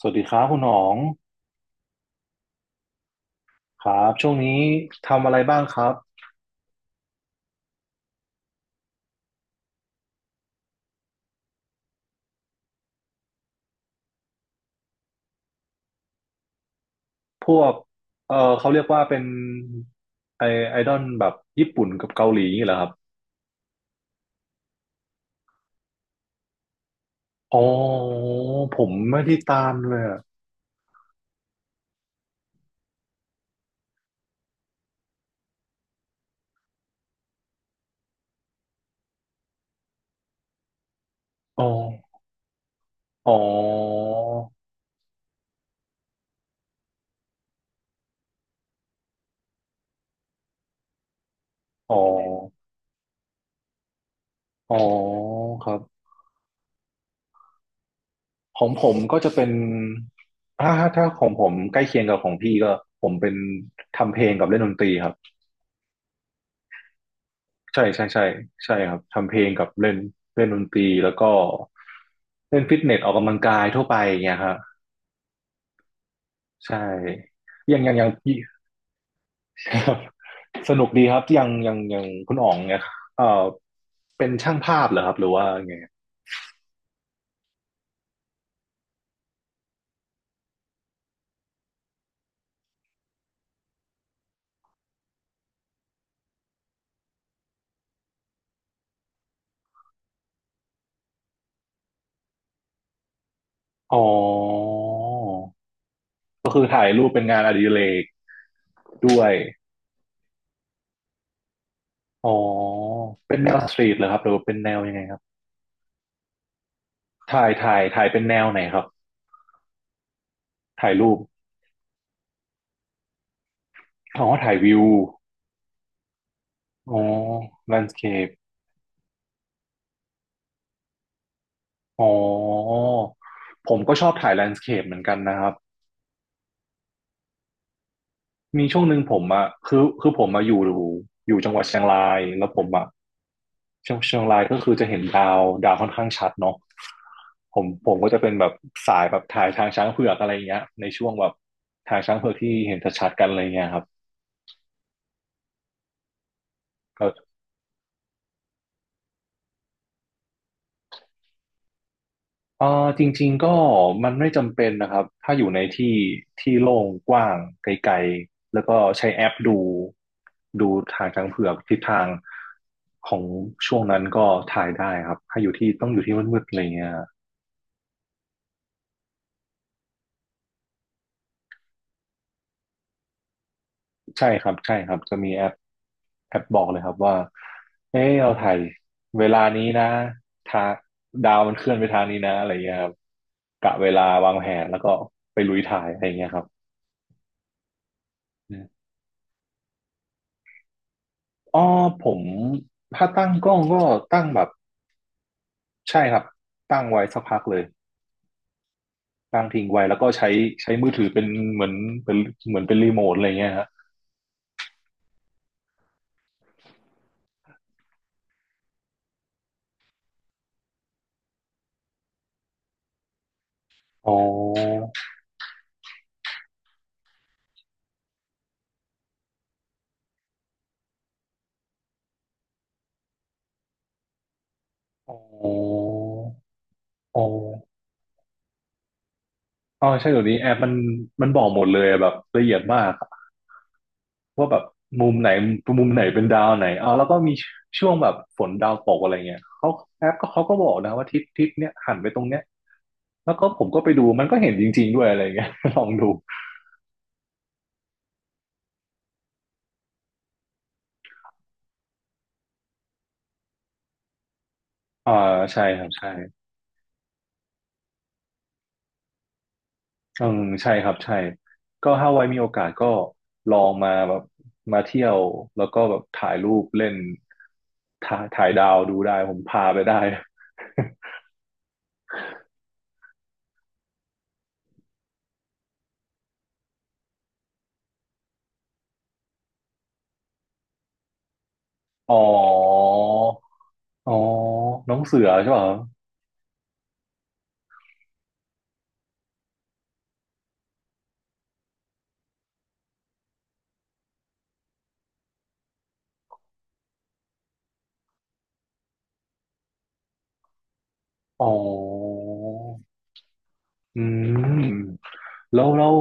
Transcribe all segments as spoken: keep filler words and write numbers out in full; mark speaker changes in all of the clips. Speaker 1: สวัสดีครับคุณหนองครับช่วงนี้ทำอะไรบ้างครับพวกเออเขาเรียกว่าเป็นไอไอดอลแบบญี่ปุ่นกับเกาหลีนี่เหรอครับอ๋อผมไม่ได้ตามเลยอะอ๋ออ๋ออ๋ออ๋อครับของผมก็จะเป็นถ้าถ้าของผมใกล้เคียงกับของพี่ก็ผมเป็นทำเพลงกับเล่นดนตรีครับ ใช่ใช่ใช่ใช่ครับทำเพลงกับเล่นเล่นดนตรีแล้วก็เล่นฟิตเนสออกกำลังกายทั่วไปอย่างเงี้ยครับใช่ยังยังยังครับ สนุกดีครับยังยังยังคุณอ๋องเนี่ยเอ่อเป็นช่างภาพเหรอครับหรือว่าไงอ๋อก็คือถ่ายรูปเป็นงานอดิเรกด้วยอ๋อเป็นแนวสตรีทเหรอครับหรือว่าเป็นแนวยังไงครับถ่ายถ่ายถ่ายเป็นแนวไหนครับถ่ายรูปอ๋อถ่ายวิวอ๋อแลนด์สเคป อ๋อผมก็ชอบถ่ายแลนด์สเคปเหมือนกันนะครับ มีช่วงหนึ่งผมอ่ะคือคือผมมาอยู่อยู่จังหวัดเชียงราย แล้วผมอ่ะเชียงเชียงรายก็คือจะเห็นดาวดาวค่อนข้างชัดเนาะผมผมก็จะเป็นแบบสายแบบถ่ายทางช้างเผือกอะไรเงี้ย ในช่วงแบบทางช้างเผือกที่เห็นชัดๆกันอะไรเงี้ยครับ เอ่อจริงๆก็มันไม่จำเป็นนะครับถ้าอยู่ในที่ที่โล่งกว้างไกลๆแล้วก็ใช้แอปดูดูทางช้างเผือกทิศทางของช่วงนั้นก็ถ่ายได้ครับถ้าอยู่ที่ต้องอยู่ที่มืดๆอะไรเงี้ยใช่ครับใช่ครับจะมีแอปแอปบอกเลยครับว่าเอ้เราถ่ายเวลานี้นะทางดาวมันเคลื่อนไปทางนี้นะอะไรเงี้ยครับกะเวลาวางแผนแล้วก็ไปลุยถ่ายอะไรเงี้ยครับ อ๋อผมถ้าตั้งกล้องก็ตั้งแบบใช่ครับตั้งไว้สักพักเลยตั้งทิ้งไว้แล้วก็ใช้ใช้มือถือเป็นเหมือนเป็นเหมือนเป็นรีโมทอะไรเงี้ยฮะอ๋ออ๋ออ๋ออ๋อใช่เดี๋ยวนี้แอปมันมันบอกหมดเลยอะแบบละเอียดมากอะว่าแบบมุมไหนมุมไหนเป็นดาวไหนอ๋อแล้วก็มีช่วงแบบฝนดาวตกอะไรเงี้ยเขาแอปก็เขาก็บอกนะว่าทิศทิศเนี้ยหันไปตรงเนี้ยแล้วก็ผมก็ไปดูมันก็เห็นจริงๆด้วยอะไรเงี้ย ลองดูอ่าใช่ครับใช่ อืมใช่ครับใช่ก็ถ้าไว้มีโอกาสก็ลองมาแบบมาเที่ยวแล้วก็แบบถ่ายรูปเล่นถ่ายถ่ายดาวดูได้ผมพาไปได้ อ๋ออ๋อน้องเสือใช่ป่ะครับอ๋ออืมแล้วแล้ว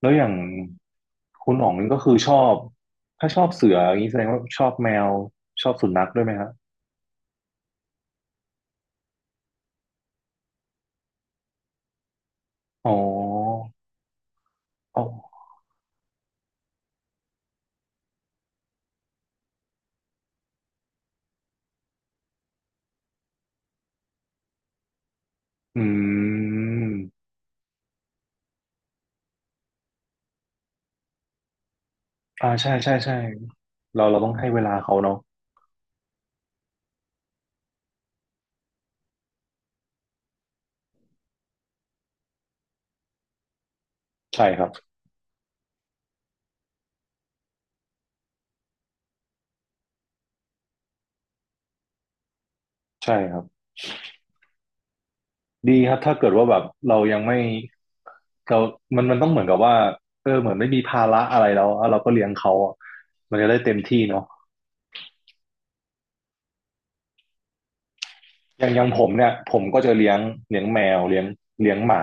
Speaker 1: แล้วอย่างคุณหน่องนี่ก็คือชอบถ้าชอบเสืออย่างนี้แสดงว่าชอบแมวชอบสุนัขด้วยไหมครับอ๋ออ๋ออืม อ่าใช่ใช่ใช่เราเราต้องให้เวลาเขาเนาะใช่ครับใช่ครับดีครับถ้าเกิดว่าแบบเรายังไม่เรามันมันต้องเหมือนกับว่าเออเหมือนไม่มีภาระอะไรแล้วแล้วเราก็เลี้ยงเขาอะมันจะได้เต็มที่เนาะอย่างอย่างผมเนี่ยผมก็จะเลี้ยงเลี้ยงแมวเลี้ยงเลี้ยงหมา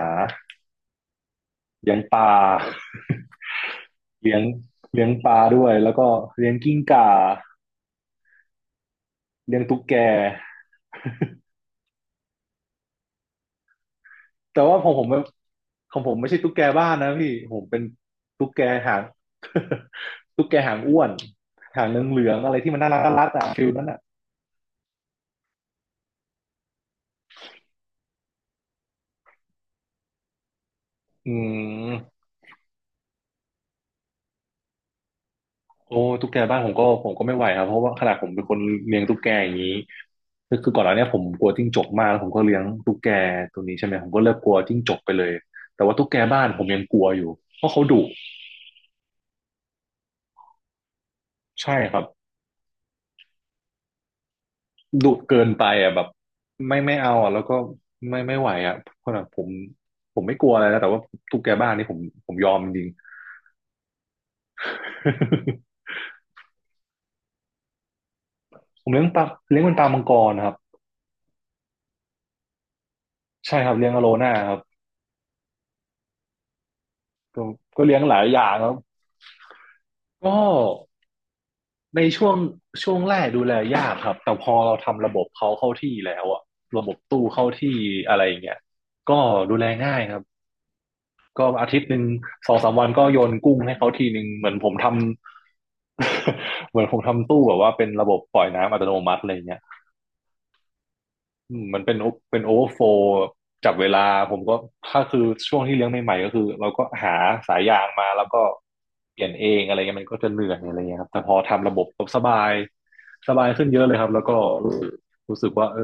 Speaker 1: เลี้ยงปลา เลี้ยงเลี้ยงปลาด้วยแล้วก็เลี้ยงกิ้งก่าเลี้ยงตุ๊กแก แต่ว่าของผมมันของผมไม่ใช่ตุ๊กแกบ้านนะพี่ผมเป็นตุ๊กแกหาง ตุ๊กแกหางอ้วนหางเหลืองๆอะไรที่มันน่ารักน่ารักอะฟิลนั้นอะอืมโอ้ตุ๊กแกบ้านผมก็ผมก็ไม่ไหวครับเพราะว่าขนาดผมเป็นคนเลี้ยงตุ๊กแกอย่างนี้คือคือก่อนหน้าเนี้ยผมกลัวจิ้งจกมากแล้วผมก็เลี้ยงตุ๊กแกตัวนี้ใช่ไหมผมก็เลิกกลัวจิ้งจกไปเลยแต่ว่าตุ๊กแกบ้านผมยังกลัวอยู่เพราะเขาดุใช่ครับ ดุเกินไปอ่ะแบบไม่ไม่เอาอ่ะแล้วก็ไม่ไม่ไหวอ่ะเพราะแบบผมผมไม่กลัวอะไรนะแต่ว่าตุ๊กแกบ้านนี่ผมผมยอมจริงๆ ผมเลี้ยงปลาเลี้ยงเป็นปลามังกรครับใช่ครับเลี้ยงอโลน่าครับก็ก็เลี้ยงหลายอย่างครับก็ในช่วงช่วงแรกดูแลยากครับแต่พอเราทำระบบเขาเข้าที่แล้วอ่ะระบบตู้เข้าที่อะไรอย่างเงี้ยก็ดูแลง่ายครับก็อาทิตย์หนึ่งสองสามวันก็โยนกุ้งให้เขาทีหนึ่งเหมือนผมทำ เหมือนผมทำตู้แบบว่าเป็นระบบปล่อยน้ำอัตโนมัติอะไรเงี้ยอืมมันเป็นโอเป็นโอเวอร์โฟลจับเวลาผมก็ถ้าคือช่วงที่เลี้ยงใหม่ๆก็คือเราก็หาสายยางมาแล้วก็เปลี่ยนเองอะไรเงี้ยมันก็จะเหนื่อยอะไรเงี้ยครับแต่พอทำระบบปุ๊บสบายสบายขึ้นเยอะเลยครับแล้วก็รู้สึกรู้สึกว่าเออ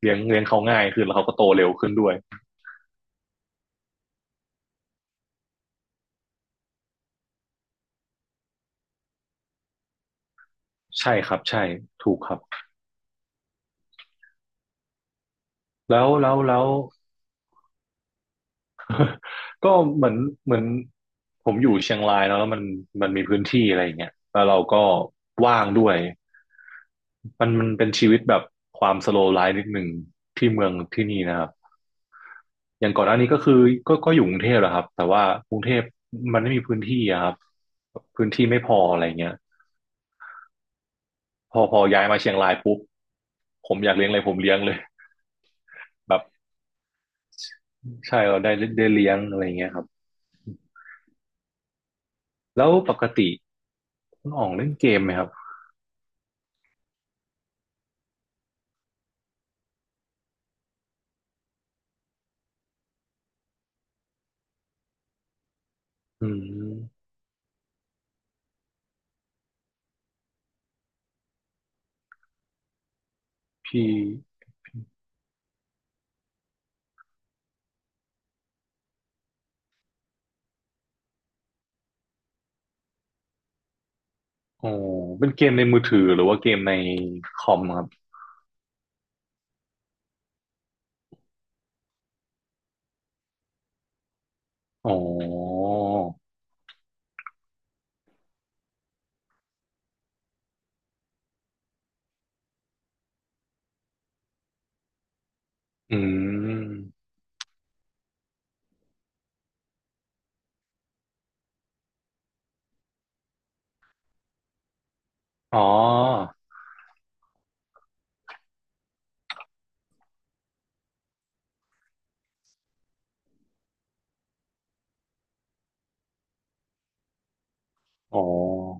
Speaker 1: เลี้ยงเลี้ยงเขาง่ายขึ้นแล้วเขาก็โตเร็วขึ้นด้วยใช่ครับใช่ถูกครับแล้วแล้วแล้ว ก็เหมือนเหมือนผมอยู่เชียงรายเนอะแล้วมันมันมีพื้นที่อะไรอย่างเงี้ยแล้วเราก็ว่างด้วยมันมันเป็นชีวิตแบบความสโลว์ไลฟ์นิดหนึ่งที่เมืองที่นี่นะครับอย่างก่อนหน้านี้ก็คือก็ก็อยู่กรุงเทพแหละครับแต่ว่ากรุงเทพมันไม่มีพื้นที่อะครับพื้นที่ไม่พออะไรเงี้ยพอพอย้ายมาเชียงรายปุ๊บผมอยากเลี้ยงอะไรผมเลี้ยงเลยแบบใช่เราได้ได้เลี้ยงอะไรเงี้ยครับแล้วปกติคุณอ๋องเล่นเกมไหมครับอืมพี่ อ๋อเป็นเกมในมือถือหรือว่าเกมในคอมครับอ๋ออืมอ๋อ อ๋อ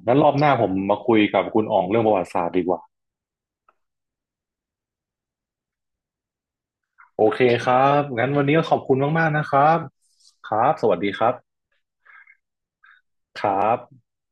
Speaker 1: งั้นรอบหน้าผมมาคุยกับคุณอ๋องเรื่องประวัติศาสตร์ดีกว่าโอเคครับ งั้นวันนี้ก็ขอบคุณมากๆนะครับ ครับ สวัสดีครับ ครับ